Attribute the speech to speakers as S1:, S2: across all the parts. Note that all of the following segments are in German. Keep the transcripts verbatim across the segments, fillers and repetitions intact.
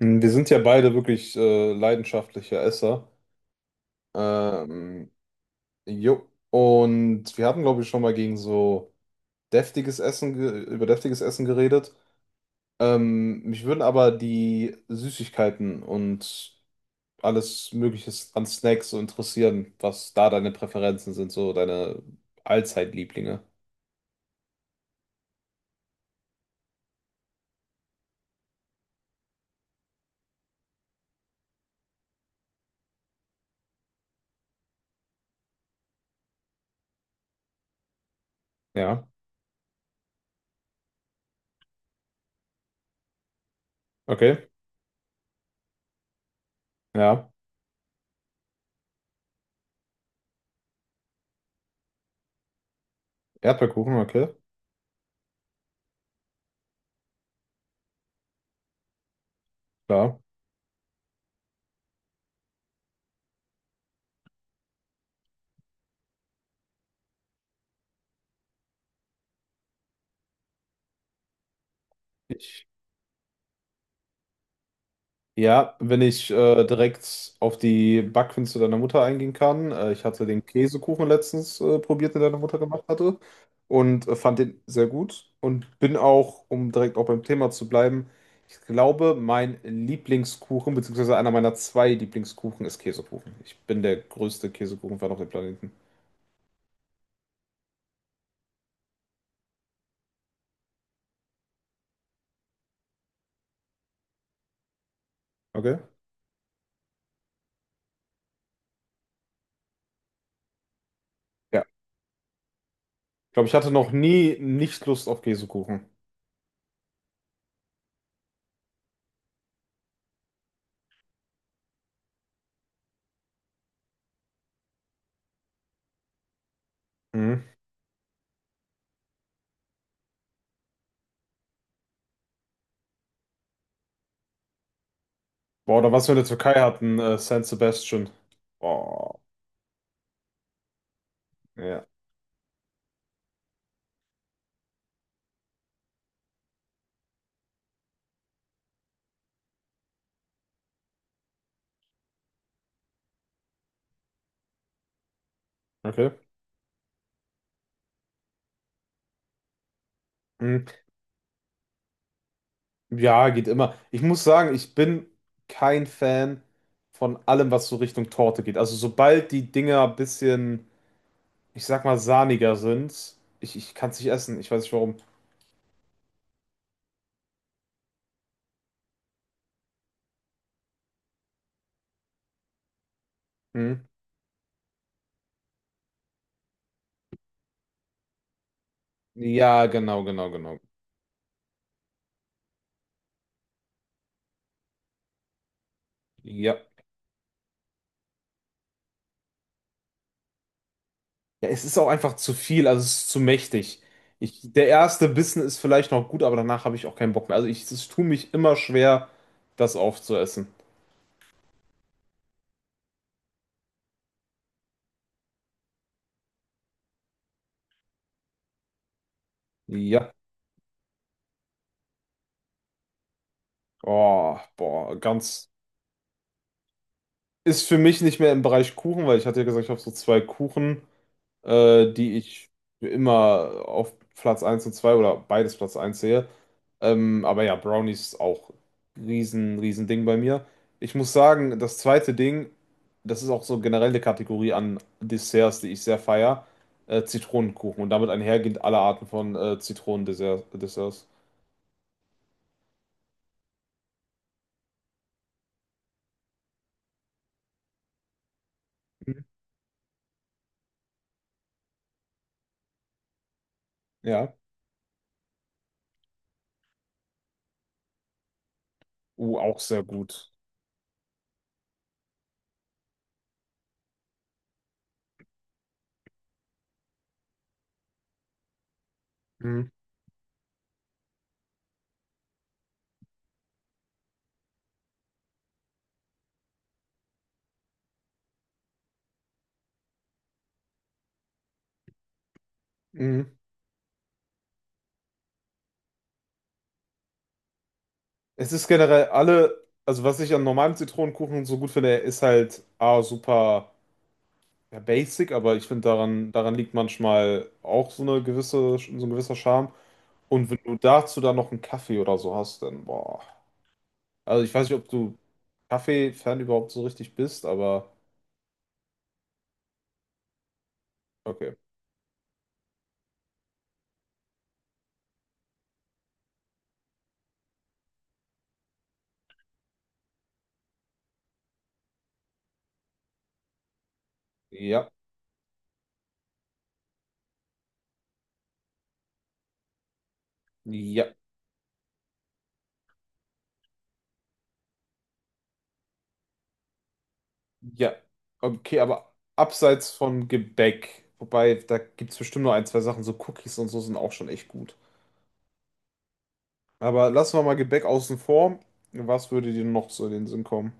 S1: Hm, Wir sind ja beide wirklich äh, leidenschaftliche Esser. Ähm, Jo. Und wir hatten, glaube ich, schon mal gegen so deftiges Essen, ge- über deftiges Essen geredet. Ähm, mich würden aber die Süßigkeiten und alles Mögliche an Snacks so interessieren, was da deine Präferenzen sind, so deine Allzeitlieblinge. Ja, okay. Ja, Erdbeerkuchen, okay. Klar. Ich. Ja, wenn ich äh, direkt auf die Backkünste deiner Mutter eingehen kann. Äh, ich hatte den Käsekuchen letztens äh, probiert, den deine Mutter gemacht hatte und äh, fand den sehr gut und bin auch, um direkt auch beim Thema zu bleiben, ich glaube, mein Lieblingskuchen, beziehungsweise einer meiner zwei Lieblingskuchen ist Käsekuchen. Ich bin der größte Käsekuchenfan auf dem Planeten. Okay. Ja. Ich glaube, ich hatte noch nie nicht Lust auf Käsekuchen. Mhm. Boah, oder was wir in der Türkei hatten, äh, San Sebastian. Boah, ja. Okay. Hm, Ja, geht immer. Ich muss sagen, ich bin kein Fan von allem, was so Richtung Torte geht. Also sobald die Dinger ein bisschen, ich sag mal, sahniger sind, ich, ich kann es nicht essen. Ich weiß nicht warum. Hm? Ja, genau, genau, genau. Ja. Ja, es ist auch einfach zu viel, also es ist zu mächtig. Ich, der erste Bissen ist vielleicht noch gut, aber danach habe ich auch keinen Bock mehr. Also ich, es tut mich immer schwer, das aufzuessen. Ja. Oh, boah, ganz. Ist für mich nicht mehr im Bereich Kuchen, weil ich hatte ja gesagt, ich habe so zwei Kuchen, äh, die ich für immer auf Platz eins und zwei oder beides Platz eins sehe. Ähm, aber ja, Brownies auch riesen, riesen Ding bei mir. Ich muss sagen, das zweite Ding, das ist auch so generell eine Kategorie an Desserts, die ich sehr feier, äh, Zitronenkuchen. Und damit einhergehend alle Arten von äh, Zitronendesserts. Desserts. Mhm. Ja, uh, auch sehr gut. Mhm. Mhm. Es ist generell alle, also was ich an normalem Zitronenkuchen so gut finde, er ist halt A, super ja, basic, aber ich finde daran, daran liegt manchmal auch so eine gewisse, so ein gewisser Charme. Und wenn du dazu dann noch einen Kaffee oder so hast, dann boah. Also ich weiß nicht, ob du Kaffee-Fan überhaupt so richtig bist, aber okay. Ja, ja, ja. Okay, aber abseits von Gebäck, wobei da gibt es bestimmt nur ein, zwei Sachen, so Cookies und so sind auch schon echt gut. Aber lassen wir mal Gebäck außen vor. Was würde dir noch so in den Sinn kommen?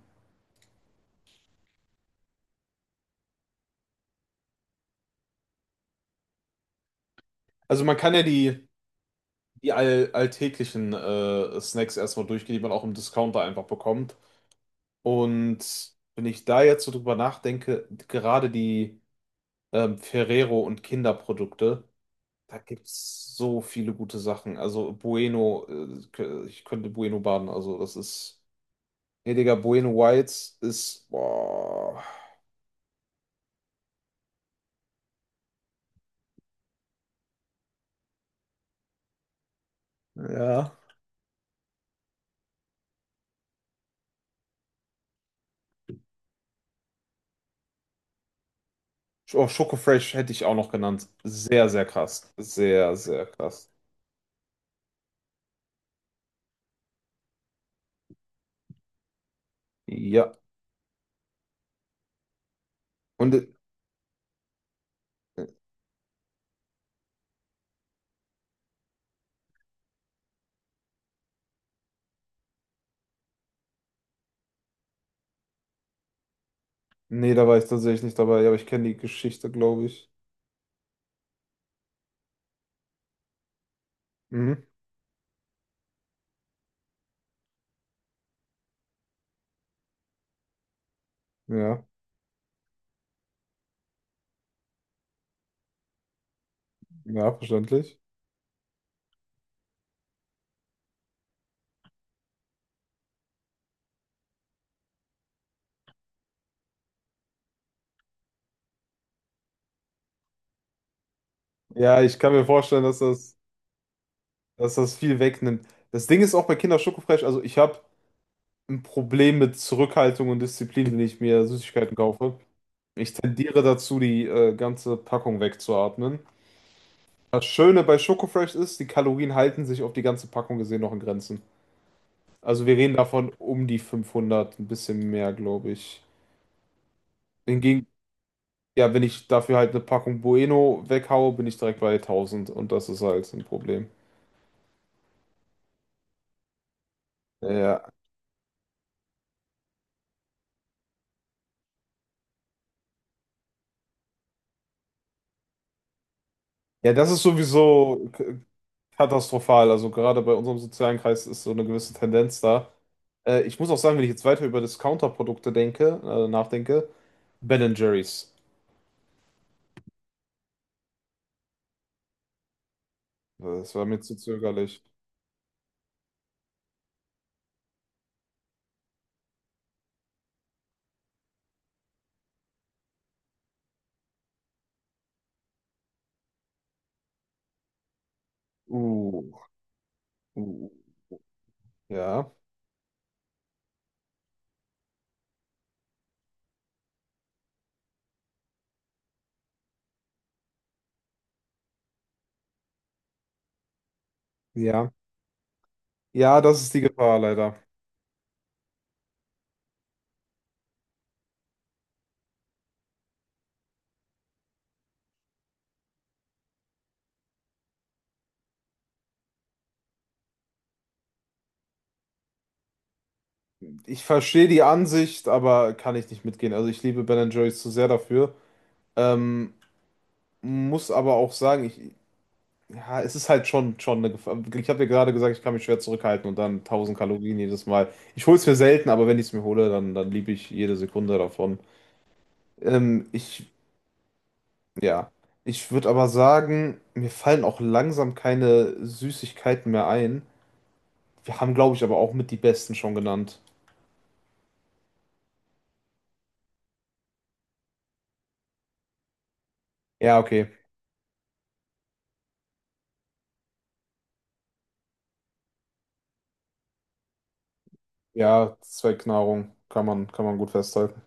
S1: Also man kann ja die, die all, alltäglichen äh, Snacks erstmal durchgehen, die man auch im Discounter einfach bekommt. Und wenn ich da jetzt so drüber nachdenke, gerade die ähm, Ferrero und Kinderprodukte, da gibt es so viele gute Sachen. Also Bueno, äh, ich könnte Bueno baden. Also das ist, gnädiger Bueno Whites ist, boah, ja. Oh, Schoko Fresh hätte ich auch noch genannt. Sehr, sehr krass. Sehr, sehr krass. Ja. Und äh, nee, da war ich tatsächlich nicht dabei, aber ich kenne die Geschichte, glaube ich. Mhm. Ja. Ja, verständlich. Ja, ich kann mir vorstellen, dass das, dass das viel wegnimmt. Das Ding ist auch bei Kinder Schoko Fresh, also ich habe ein Problem mit Zurückhaltung und Disziplin, wenn ich mir Süßigkeiten kaufe. Ich tendiere dazu, die äh, ganze Packung wegzuatmen. Das Schöne bei Schoko Fresh ist, die Kalorien halten sich auf die ganze Packung gesehen noch in Grenzen. Also wir reden davon um die fünfhundert, ein bisschen mehr, glaube ich. Hingegen, ja, wenn ich dafür halt eine Packung Bueno weghaue, bin ich direkt bei tausend und das ist halt ein Problem. Ja, ja, das ist sowieso k- katastrophal. Also gerade bei unserem sozialen Kreis ist so eine gewisse Tendenz da. Äh, ich muss auch sagen, wenn ich jetzt weiter über Discounter-Produkte denke, äh, nachdenke, Ben and Jerry's. Das war mir zu zögerlich. Uh, uh, ja, ja. Ja, das ist die Gefahr leider. Ich verstehe die Ansicht, aber kann ich nicht mitgehen. Also ich liebe Ben and Jerry's zu sehr dafür. Ähm, Muss aber auch sagen, ich, ja, es ist halt schon, schon eine Gefahr. Ich habe dir gerade gesagt, ich kann mich schwer zurückhalten und dann tausend Kalorien jedes Mal. Ich hole es mir selten, aber wenn ich es mir hole, dann, dann liebe ich jede Sekunde davon. Ähm, ich, ja. Ich würde aber sagen, mir fallen auch langsam keine Süßigkeiten mehr ein. Wir haben, glaube ich, aber auch mit die besten schon genannt. Ja, okay. Ja, Zweckknahrung kann man, kann man gut festhalten.